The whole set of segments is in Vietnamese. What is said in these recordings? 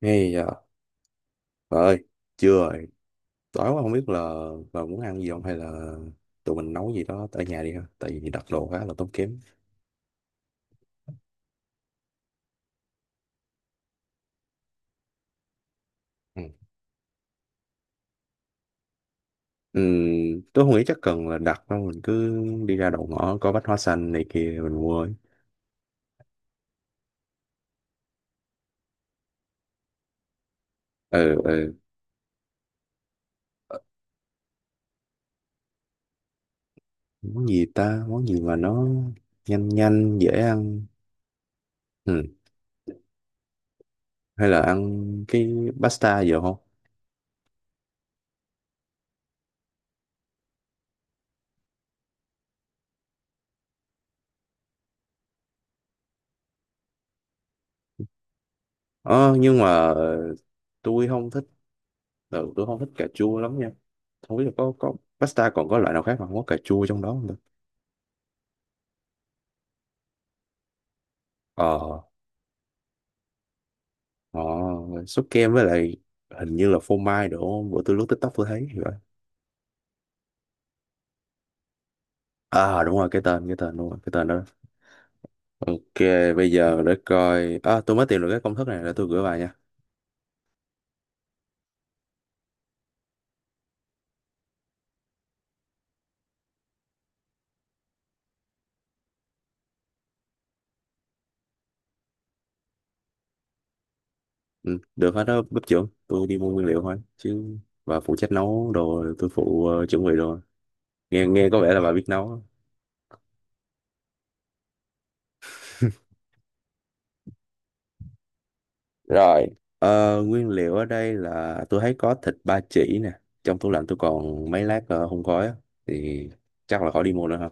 Hay giờ trời ơi, chưa rồi. Tối quá không biết là bà muốn ăn gì không hay là tụi mình nấu gì đó ở nhà đi ha. Tại vì đặt đồ khá là tốn kém. Ừ. Tôi không nghĩ chắc cần là đặt đâu. Mình cứ đi ra đầu ngõ có bách hóa xanh này kia mình mua ấy. Ừ, ừ. Ờ, món gì ta? Món gì mà nó nhanh nhanh, dễ ăn. Ừ. Hay là ăn cái pasta giờ không? Ờ, nhưng mà tôi không thích, ừ, tôi không thích cà chua lắm nha. Không biết là có pasta còn có loại nào khác mà không có cà chua trong đó không. Ờ, ờ, sốt kem với lại hình như là phô mai đúng không, bữa tôi lướt TikTok tôi thấy thì vậy. À đúng rồi, cái tên đúng rồi, cái tên đó. Ok, bây giờ để coi à, tôi mới tìm được cái công thức này để tôi gửi bài nha. Ừ, được hết đó, bếp trưởng, tôi đi mua nguyên liệu thôi chứ, và phụ trách nấu đồ tôi phụ, chuẩn bị đồ. Nghe nghe có vẻ là bà biết nấu á. Rồi, nguyên liệu ở đây là tôi thấy có thịt ba chỉ nè, trong tủ lạnh tôi còn mấy lát hun khói á, thì chắc là khỏi đi mua nữa ha.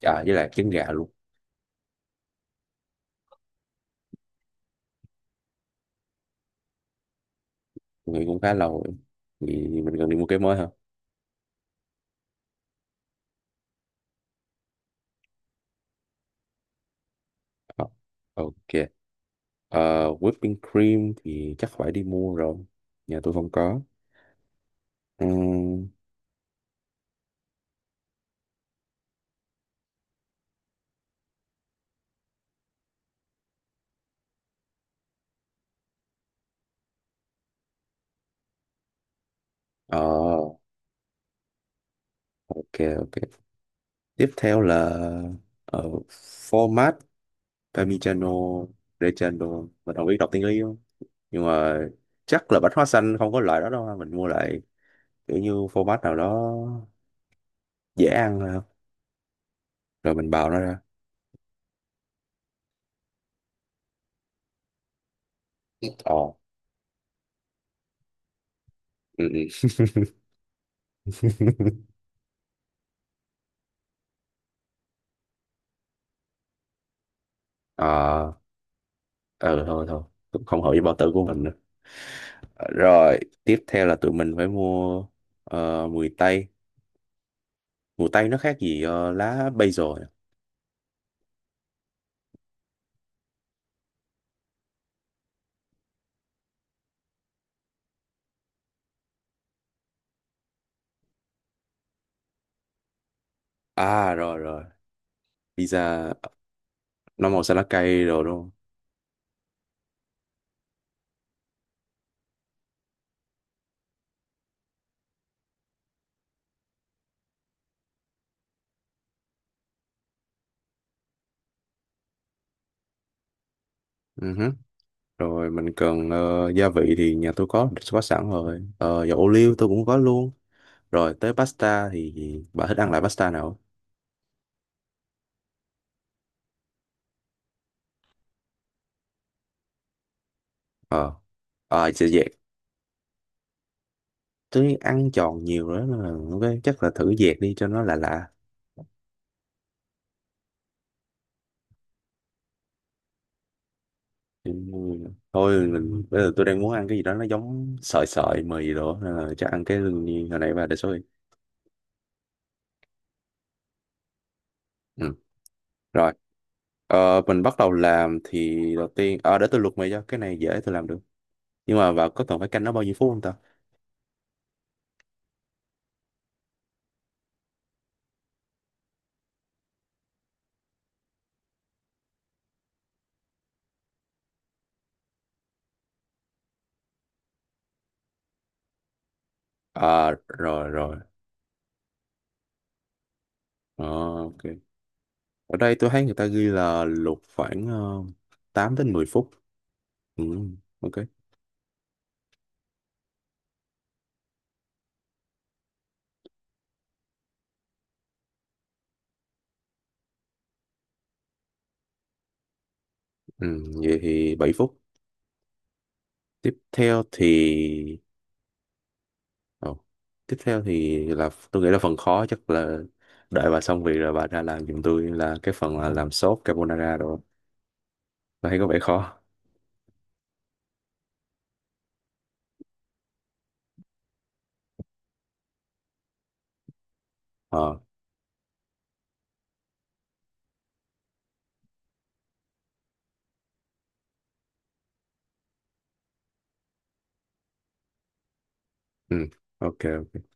À với lại trứng gà luôn. Người cũng khá lâu rồi thì mình cần đi mua cái mới hả? Ờ, ok. Ờ, whipping cream thì chắc phải đi mua rồi, nhà tôi không có. Ừm, ờ, ok, ok, tiếp theo là, ờ, format parmigiano reggiano, mình không biết đọc tiếng Ý không, nhưng mà chắc là bánh hoa xanh không có loại đó đâu ha. Mình mua lại kiểu như format nào đó dễ ăn thôi ha. Rồi mình bào nó ra. Ờ, ừ, ừ. Ờ, ừ, thôi thôi, không hợp với bao tử của mình nữa. Ờ, rồi tiếp theo là tụi mình phải mua, mùi tây. Mùi tây nó khác gì lá basil à? À rồi rồi. Pizza nó màu xanh lá cây rồi đúng không? Ừ hứ. Rồi mình cần, gia vị thì nhà tôi có sẵn rồi. Ờ, dầu ô liu tôi cũng có luôn. Rồi tới pasta thì bà thích ăn lại pasta nào? Ờ, ờ, sẽ dẹt, tôi ăn giòn nhiều đó nên là ok, chắc là thử dẹt đi cho nó lạ lạ. Ừ. Thôi mình bây giờ tôi đang muốn ăn cái gì đó nó giống sợi sợi mì đồ á, nên là chắc ăn cái lương nhiên hồi nãy bà đề xuất đi. Ừ. Rồi, mình bắt đầu làm thì đầu tiên à, để tôi luộc mì cho cái này dễ tôi làm được, nhưng mà bà có cần phải canh nó bao nhiêu phút không ta? À rồi rồi. Ờ, ok, ở đây tôi thấy người ta ghi là luộc khoảng uh, 8 đến 10 phút. Ừ. Ok. Ừ. Vậy thì 7 phút, tiếp theo thì. Ồ. Tiếp theo thì là tôi nghĩ là phần khó chắc là đợi bà xong việc rồi bà ra làm giùm tôi là cái phần là làm sốt carbonara rồi. Tôi thấy có vẻ khó. Ờ, ừ. Ok, ok.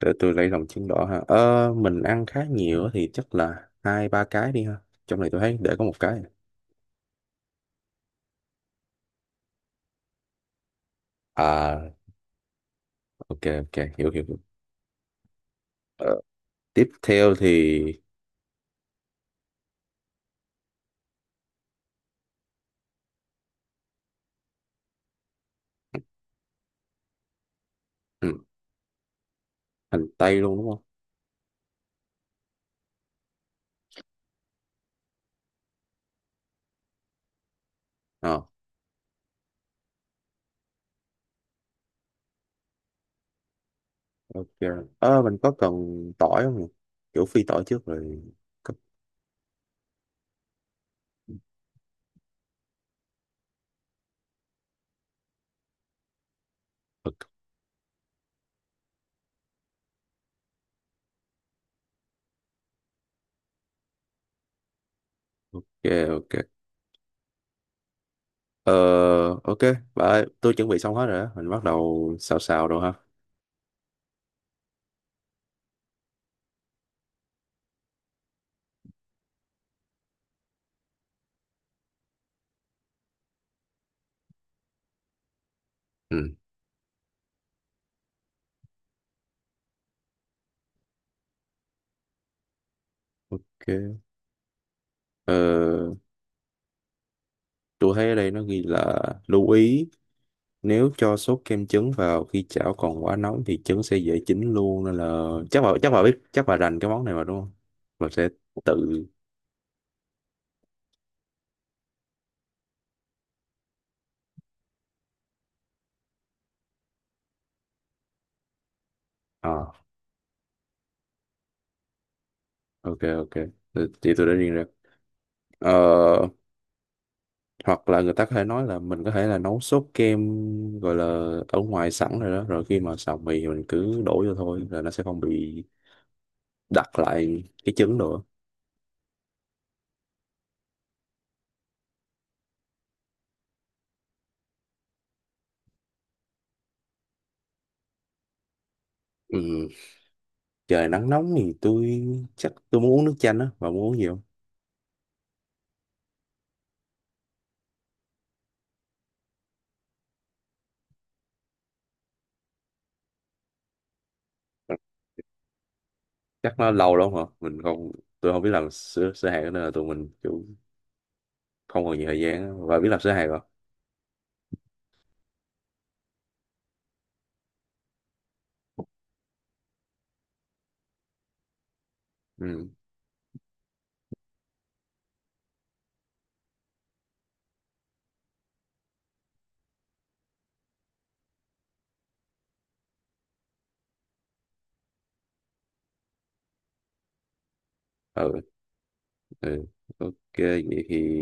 Để tôi lấy lòng trứng đỏ ha. Ờ, mình ăn khá nhiều á thì chắc là hai ba cái đi ha. Trong này tôi thấy để có một cái. À, ok, ok, hiểu, hiểu, hiểu. Ờ, tiếp theo thì, ừ, hành tây luôn đúng không? Ờ, ok. Ờ, mình có cần tỏi không nhỉ? Kiểu phi tỏi trước rồi. Cấp- ok, ok. Ờ, ok, bà ơi, tôi chuẩn bị xong hết rồi á, mình bắt đầu xào xào rồi ha. Ừ, ok. Ờ, tôi thấy ở đây nó ghi là lưu ý, nếu cho sốt kem trứng vào khi chảo còn quá nóng thì trứng sẽ dễ chín luôn, nên là chắc bà biết, chắc bà rành cái món này mà đúng không? Bà sẽ tự, à, ok, ok, ờ, thì chị tôi đã riêng ra. Ờ, hoặc là người ta có thể nói là mình có thể là nấu sốt kem gọi là ở ngoài sẵn rồi đó, rồi khi mà xào mì thì mình cứ đổ vô thôi là nó sẽ không bị đặt lại cái trứng nữa. Ừ. Trời nắng nóng thì tôi chắc tôi muốn uống nước chanh á, mà muốn uống gì không? Chắc nó lâu lắm hả, mình không, tôi không biết làm sữa sữa hạt nên là tụi mình kiểu không còn nhiều thời gian á. Và biết làm sữa hạt rồi. Ừ. Ừ, ừ. Ok, vậy thì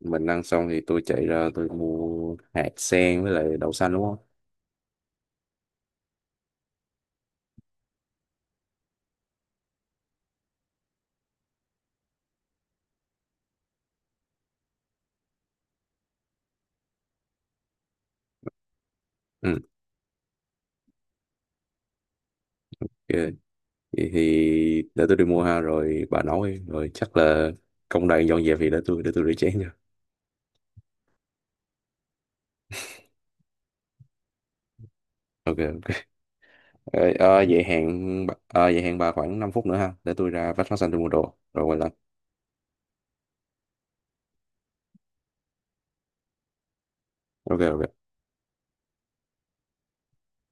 mình ăn xong thì tôi chạy ra tôi mua hạt sen với lại đậu xanh đúng không? Ừ. Ok, vậy thì để tôi đi mua ha, rồi bà nấu đi, rồi chắc là công đoạn dọn dẹp thì để tôi rửa chén nha. Ok. Ờ, ờ, vậy hẹn bà- vậy hẹn bà khoảng 5 phút nữa ha, để tôi ra vách phát xanh tôi mua đồ rồi quay lại. Ok, ok.